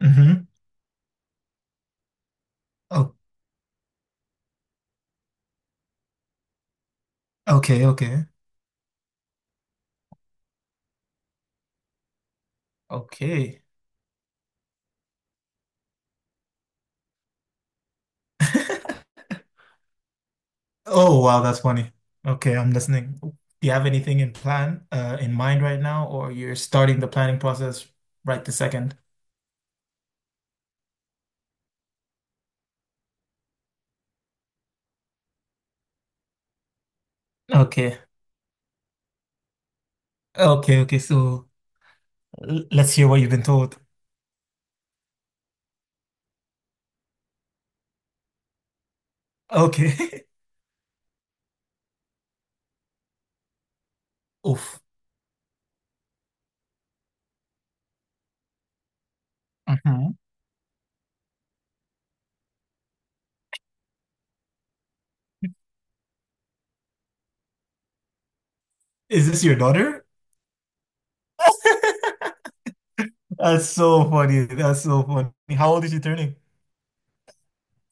Mm-hmm. Oh, okay, okay, okay. Oh, wow, that's funny. Okay, I'm listening. Do you have anything in plan, in mind right now, or you're starting the planning process right this second? Okay, okay, okay. So let's hear what you've been told. Okay. Oof. Hmm. Is this your daughter? That's so funny. That's so funny. How old is she turning?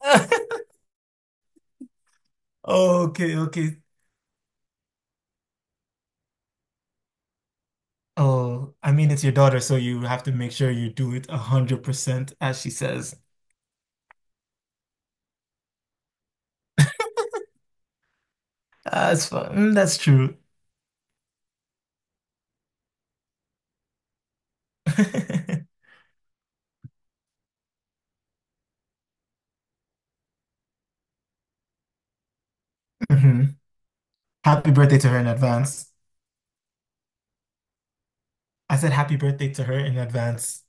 Okay, okay. Oh, I mean, it's your daughter, so you have to make sure you do it 100%, as she says. That's fun. Mm. That's true. Hmm. Happy birthday to her in advance. I said happy birthday to her in advance.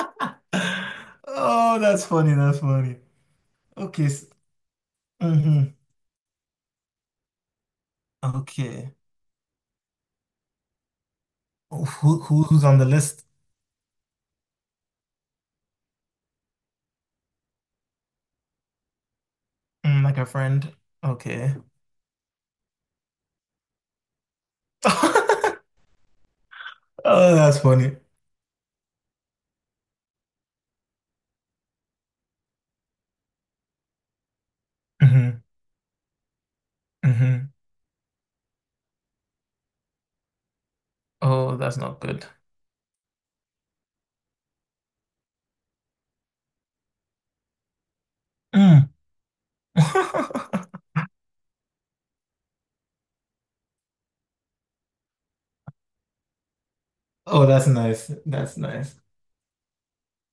Oh, that's funny. That's funny. Okay. Mm-hmm. Okay. Oh, who's on the list? Mm, like a friend. Okay. Oh, that's funny. hmm hmm Oh, that's not good. Mm. Oh, that's nice. That's nice.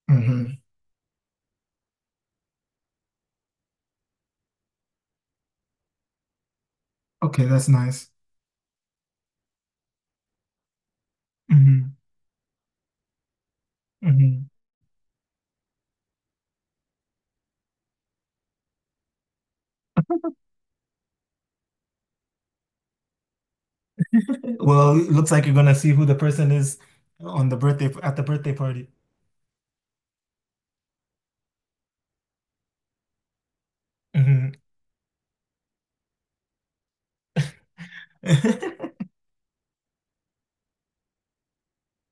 hmm Okay, that's nice. hmm hmm Well, it looks like you're gonna see who the person is on the birthday at the birthday party. Hmm.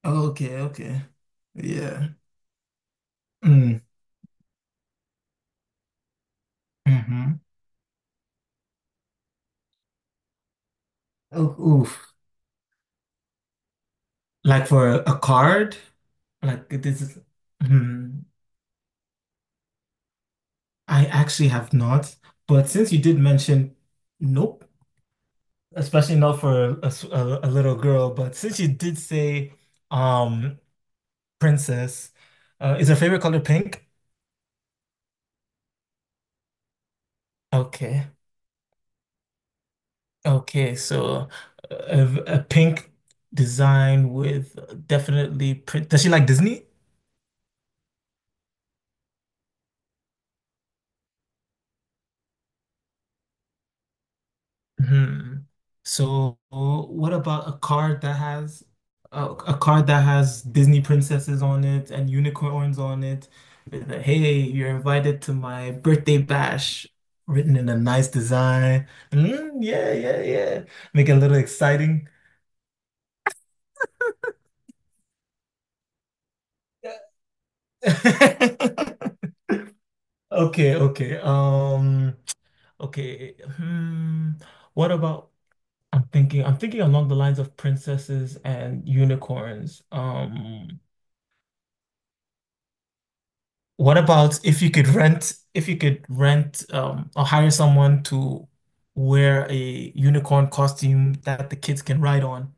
Okay, okay. Yeah. Mm-hmm. Mm-hmm. Oh, oof. Like for a card? Like this is hmm. I actually have not, but since you did mention nope, especially not for a, a little girl, but since you did say um Princess. Is her favorite color pink? Okay. Okay. So a pink design with definitely print. Does she like Disney? Hmm. So what about a card that has Disney princesses on it and unicorns on it? With a, hey, you're invited to my birthday bash. Written in a nice design. Mm, yeah, yeah, yeah. Make it a little exciting. Okay, okay. Okay. Hmm. What about I'm thinking along the lines of princesses and unicorns. What about if you could rent or hire someone to wear a unicorn costume that the kids can ride on?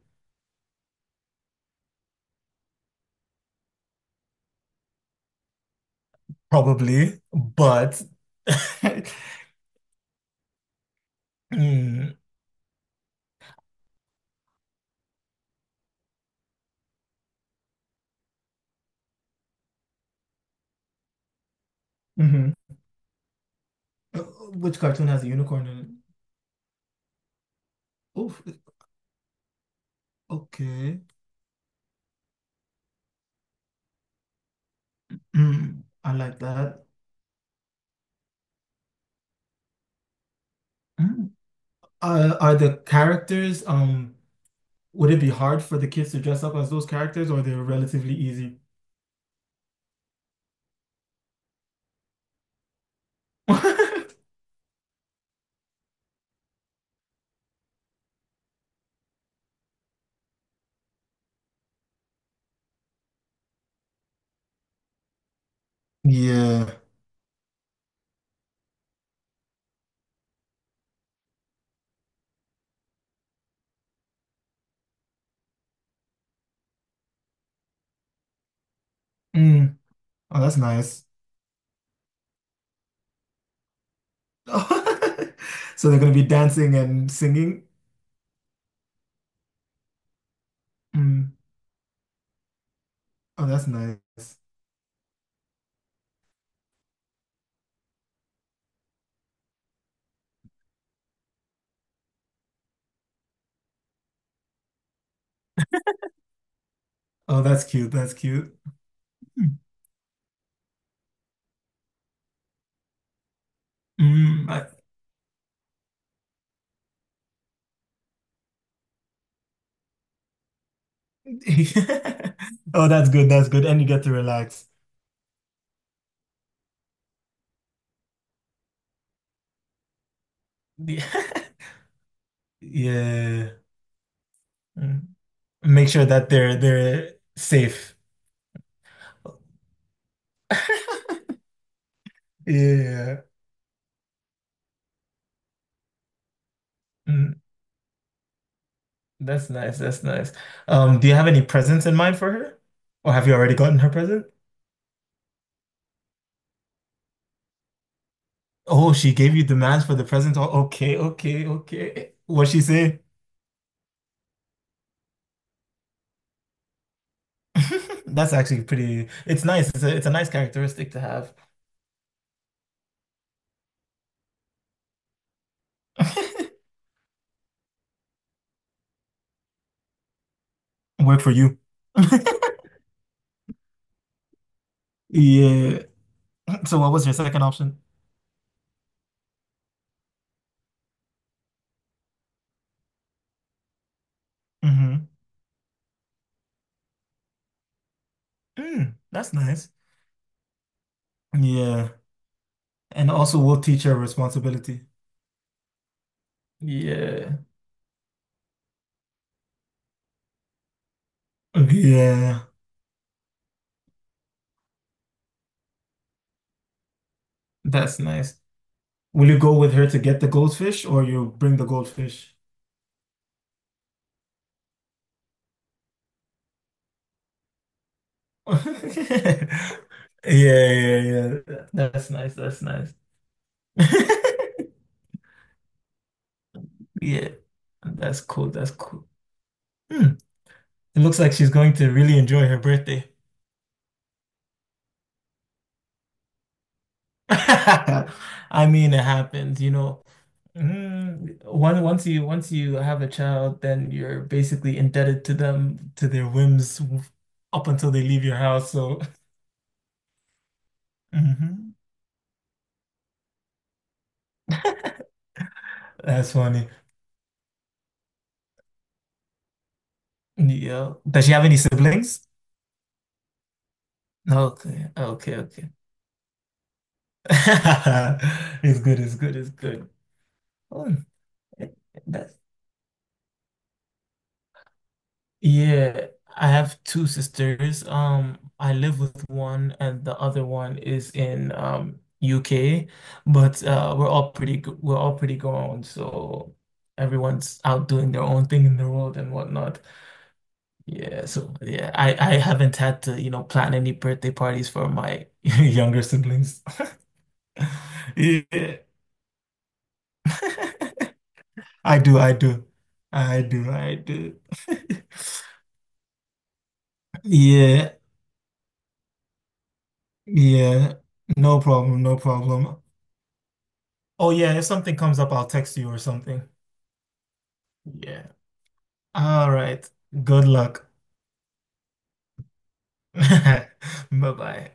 Probably, but Mm, mhm. Uh, Which cartoon has a unicorn in it? Oh, okay. Mm, I like that. Hmm. Uh, are the characters, um, would it be hard for the kids to dress up as those characters or they're relatively easy? Yeah. Mm. Oh, that's nice. So they're gonna be dancing and singing. Mm. Oh, that's nice. Oh, that's cute. That's cute. Mm. Mm. Oh, that's good. That's good. And you get to relax. Yeah. Yeah. Mm. Make sure that they're safe. Yeah. Mm. That's nice. That's nice. Do you have any presents in mind for her? Or have you already gotten her present? Oh, she gave you demands for the present. Oh, okay, okay, okay. What she say? That's actually pretty. It's nice. It's a nice characteristic to have. Work for you. Yeah. So what was your second option? hmm Mm, that's nice. Yeah. And also we'll teach her responsibility. Yeah. Yeah. That's nice. Will you go with her to get the goldfish or you bring the goldfish? Yeah, yeah, yeah. That's nice. That's nice. Yeah, that's cool. That's cool. Hmm. It looks like she's going to really enjoy her birthday. I mean, it happens. Mm, one once you have a child, then you're basically indebted to them to their whims up until they leave your house. So, Mhm. That's funny. Yeah. Does she have any siblings? Okay, okay, okay. It's good, it's good, it's good. Oh, it- that's, yeah, I have two sisters. I live with one and the other one is in UK, but we're all pretty grown, so everyone's out doing their own thing in the world and whatnot. Yeah, so yeah, I haven't had to plan any birthday parties for my younger siblings. Yeah. I do, I do, I do, I do. Yeah, yeah. No problem, no problem. Oh yeah, if something comes up, I'll text you or something. Yeah. All right. Good luck. Bye-bye.